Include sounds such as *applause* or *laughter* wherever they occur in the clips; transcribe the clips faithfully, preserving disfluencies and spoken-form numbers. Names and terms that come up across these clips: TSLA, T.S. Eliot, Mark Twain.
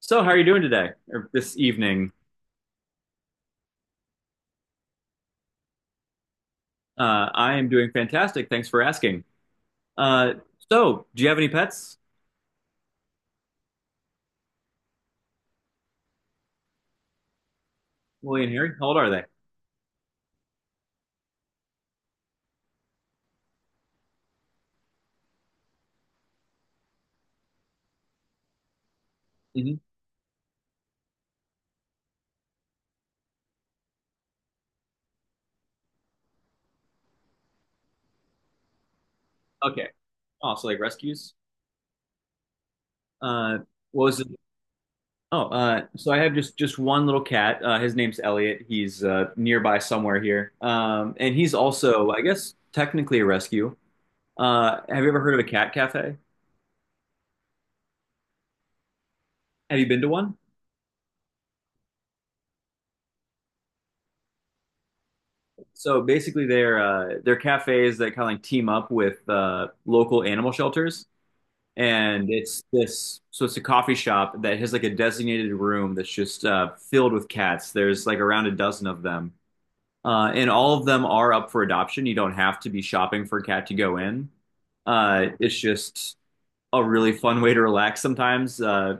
So, how are you doing today or this evening? Uh, I am doing fantastic. Thanks for asking. Uh, so, do you have any pets? Willie and Harry? How old are they? hmm Okay. Oh, so like rescues. Uh, what was it? Oh, uh, so I have just just one little cat. Uh, his name's Elliot. He's uh, nearby somewhere here, um, and he's also, I guess, technically a rescue. Uh, have you ever heard of a cat cafe? Have you been to one? So basically, they're uh, they're cafes that kind of like team up with uh, local animal shelters. And it's this so it's a coffee shop that has like a designated room that's just uh, filled with cats. There's like around a dozen of them. Uh, and all of them are up for adoption. You don't have to be shopping for a cat to go in. Uh, it's just a really fun way to relax sometimes. uh,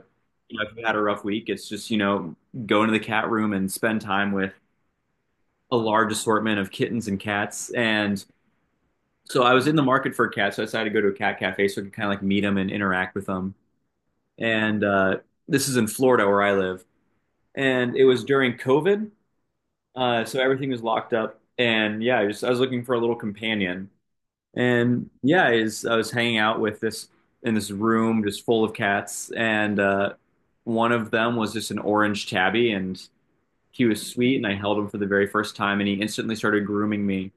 you know, If you've had a rough week, it's just, you know go into the cat room and spend time with a large assortment of kittens and cats. And so I was in the market for a cat, so I decided to go to a cat cafe so I could kind of like meet them and interact with them. And uh, this is in Florida where I live. And it was during COVID, uh, so everything was locked up. And yeah, I just I was looking for a little companion, and yeah, I was, I was hanging out with this, in this room just full of cats, and uh, one of them was just an orange tabby, and he was sweet, and I held him for the very first time, and he instantly started grooming me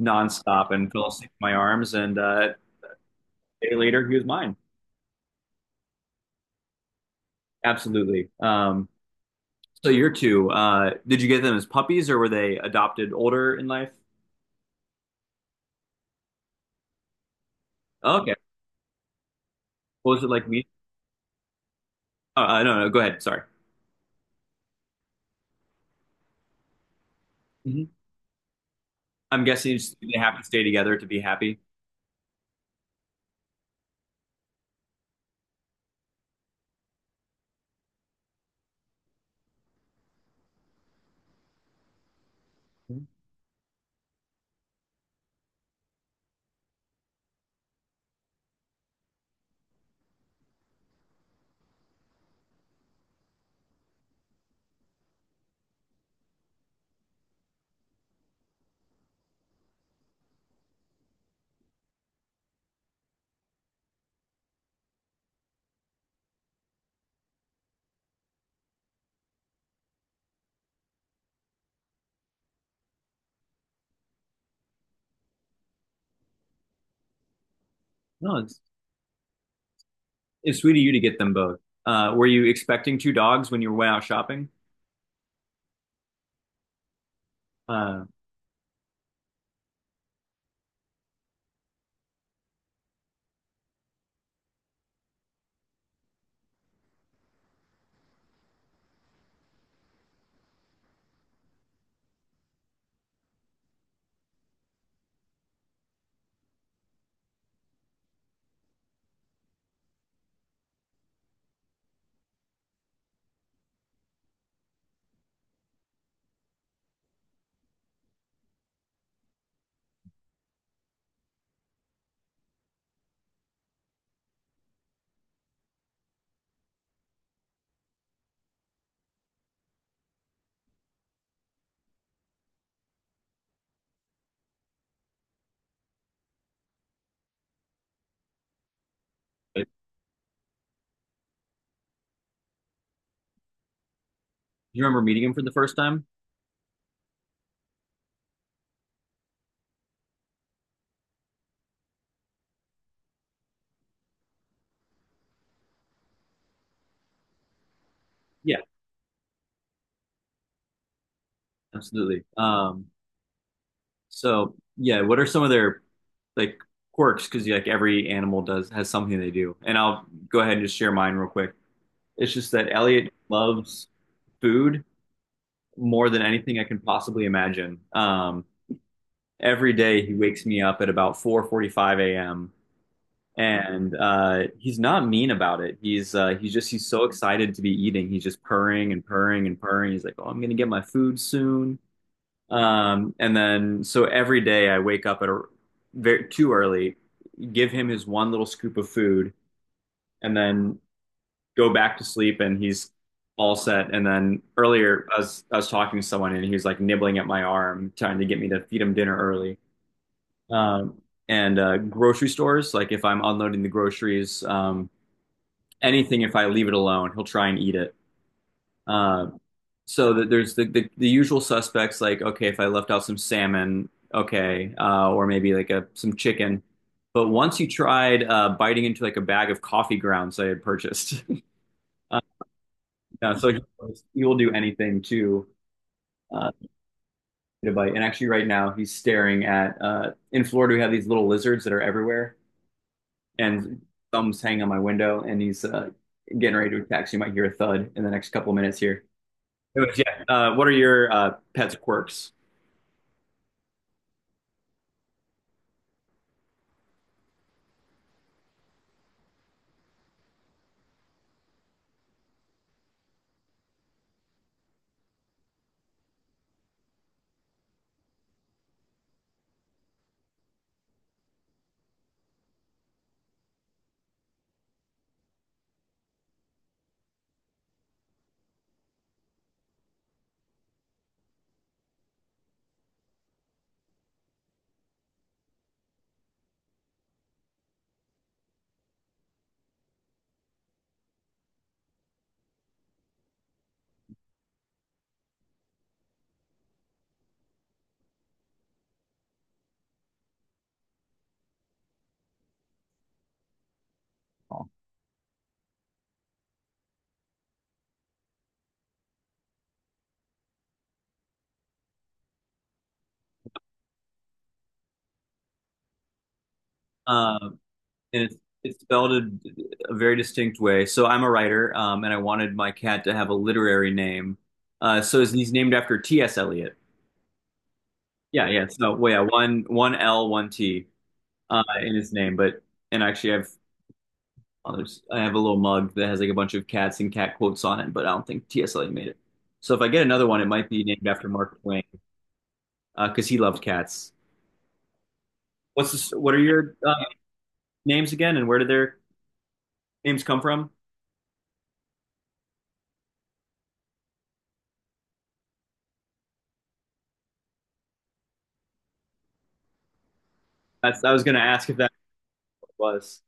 nonstop and fell asleep in my arms, and uh, a day later he was mine. Absolutely. Um, So your two, uh, did you get them as puppies or were they adopted older in life? Oh, okay. What was it like me? Oh, uh, no, no, go ahead. Sorry. hmm I'm guessing it's- they have to stay together to be happy. Mhm. No, it's, it's sweet of you to get them both. Uh, were you expecting two dogs when you went out shopping? Uh, do you remember meeting them for the first time? Yeah, absolutely. Um, so yeah, what are some of their, like, quirks? Because like every animal does has something they do, and I'll go ahead and just share mine real quick. It's just that Elliot loves food more than anything I can possibly imagine. Um, every day he wakes me up at about four forty-five a m And uh, he's not mean about it. He's uh, he's just he's so excited to be eating. He's just purring and purring and purring. He's like, "Oh, I'm gonna get my food soon." Um, and then so every day I wake up at a very too early, give him his one little scoop of food, and then go back to sleep and he's all set. And then earlier, I was I was talking to someone and he was like nibbling at my arm, trying to get me to feed him dinner early. Um, and uh, Grocery stores, like if I'm unloading the groceries, um, anything, if I leave it alone, he'll try and eat it. Uh, so that there's the, the the usual suspects like, okay, if I left out some salmon, okay, uh, or maybe like a some chicken. But once he tried uh, biting into like a bag of coffee grounds I had purchased. *laughs* uh, Yeah, so he, he will do anything to uh, get a bite. And actually, right now, he's staring at. Uh, in Florida, we have these little lizards that are everywhere, and thumbs hang on my window, and he's uh, getting ready to attack. So you might hear a thud in the next couple of minutes here. Anyways, yeah. Uh, what are your uh, pet's quirks? Um, and it's, it's spelled a, a very distinct way. So I'm a writer, um, and I wanted my cat to have a literary name. Uh, so he's named after T S. Eliot. Yeah, yeah. So well, yeah, one one L, one T. Uh, in his name, but and actually I've others. I have a little mug that has like a bunch of cats and cat quotes on it, but I don't think T S L A made it. So if I get another one, it might be named after Mark Twain because uh, he loved cats. What's this, what are your uh, names again, and where did their names come from? That's, I was going to ask if that was.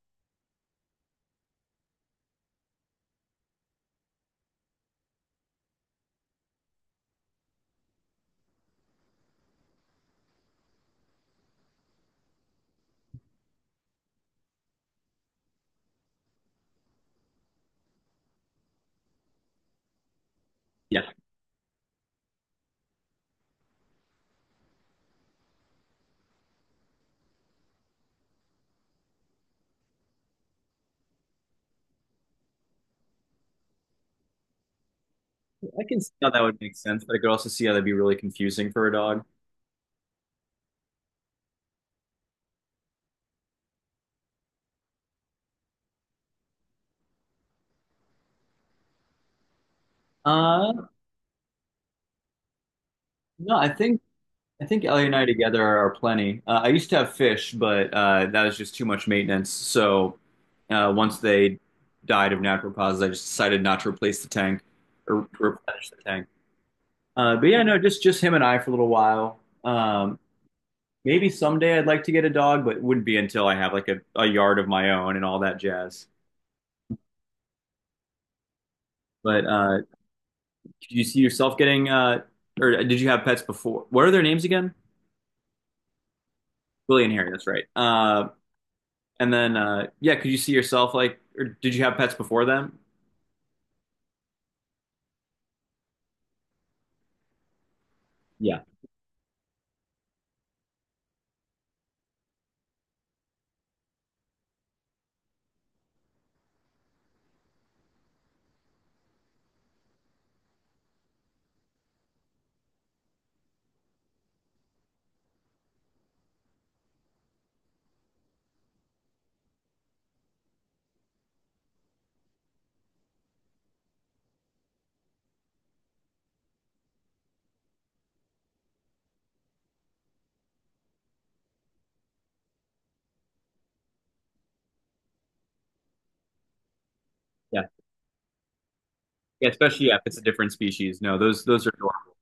Yeah, I can see how that would make sense, but I could also see how that'd be really confusing for a dog. Uh, no, I think I think Ellie and I together are plenty. Uh, I used to have fish, but uh, that was just too much maintenance. So uh, once they died of natural causes, I just decided not to replace the tank, or to replenish the tank. Uh, but yeah, no, just just him and I for a little while. Um, maybe someday I'd like to get a dog, but it wouldn't be until I have like a, a yard of my own and all that jazz. But uh, could you see yourself getting, uh, or did you have pets before? What are their names again? Willie and Harry, that's right. Uh, and then, uh, yeah, could you see yourself like, or did you have pets before them? Yeah, yeah, yeah. Especially yeah, if it's a different species. No, those those are adorable.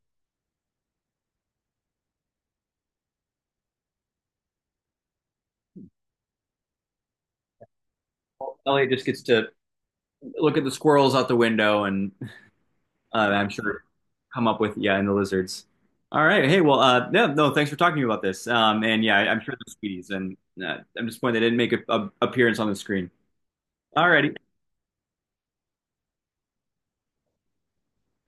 Elliot just gets to look at the squirrels out the window, and uh, I'm sure come up with, yeah, and the lizards. All right. Hey, well, uh, yeah, no, thanks for talking to me about this. Um, and yeah, I- am sure they're sweeties, and uh, I'm disappointed they didn't make a, a appearance on the screen. All righty.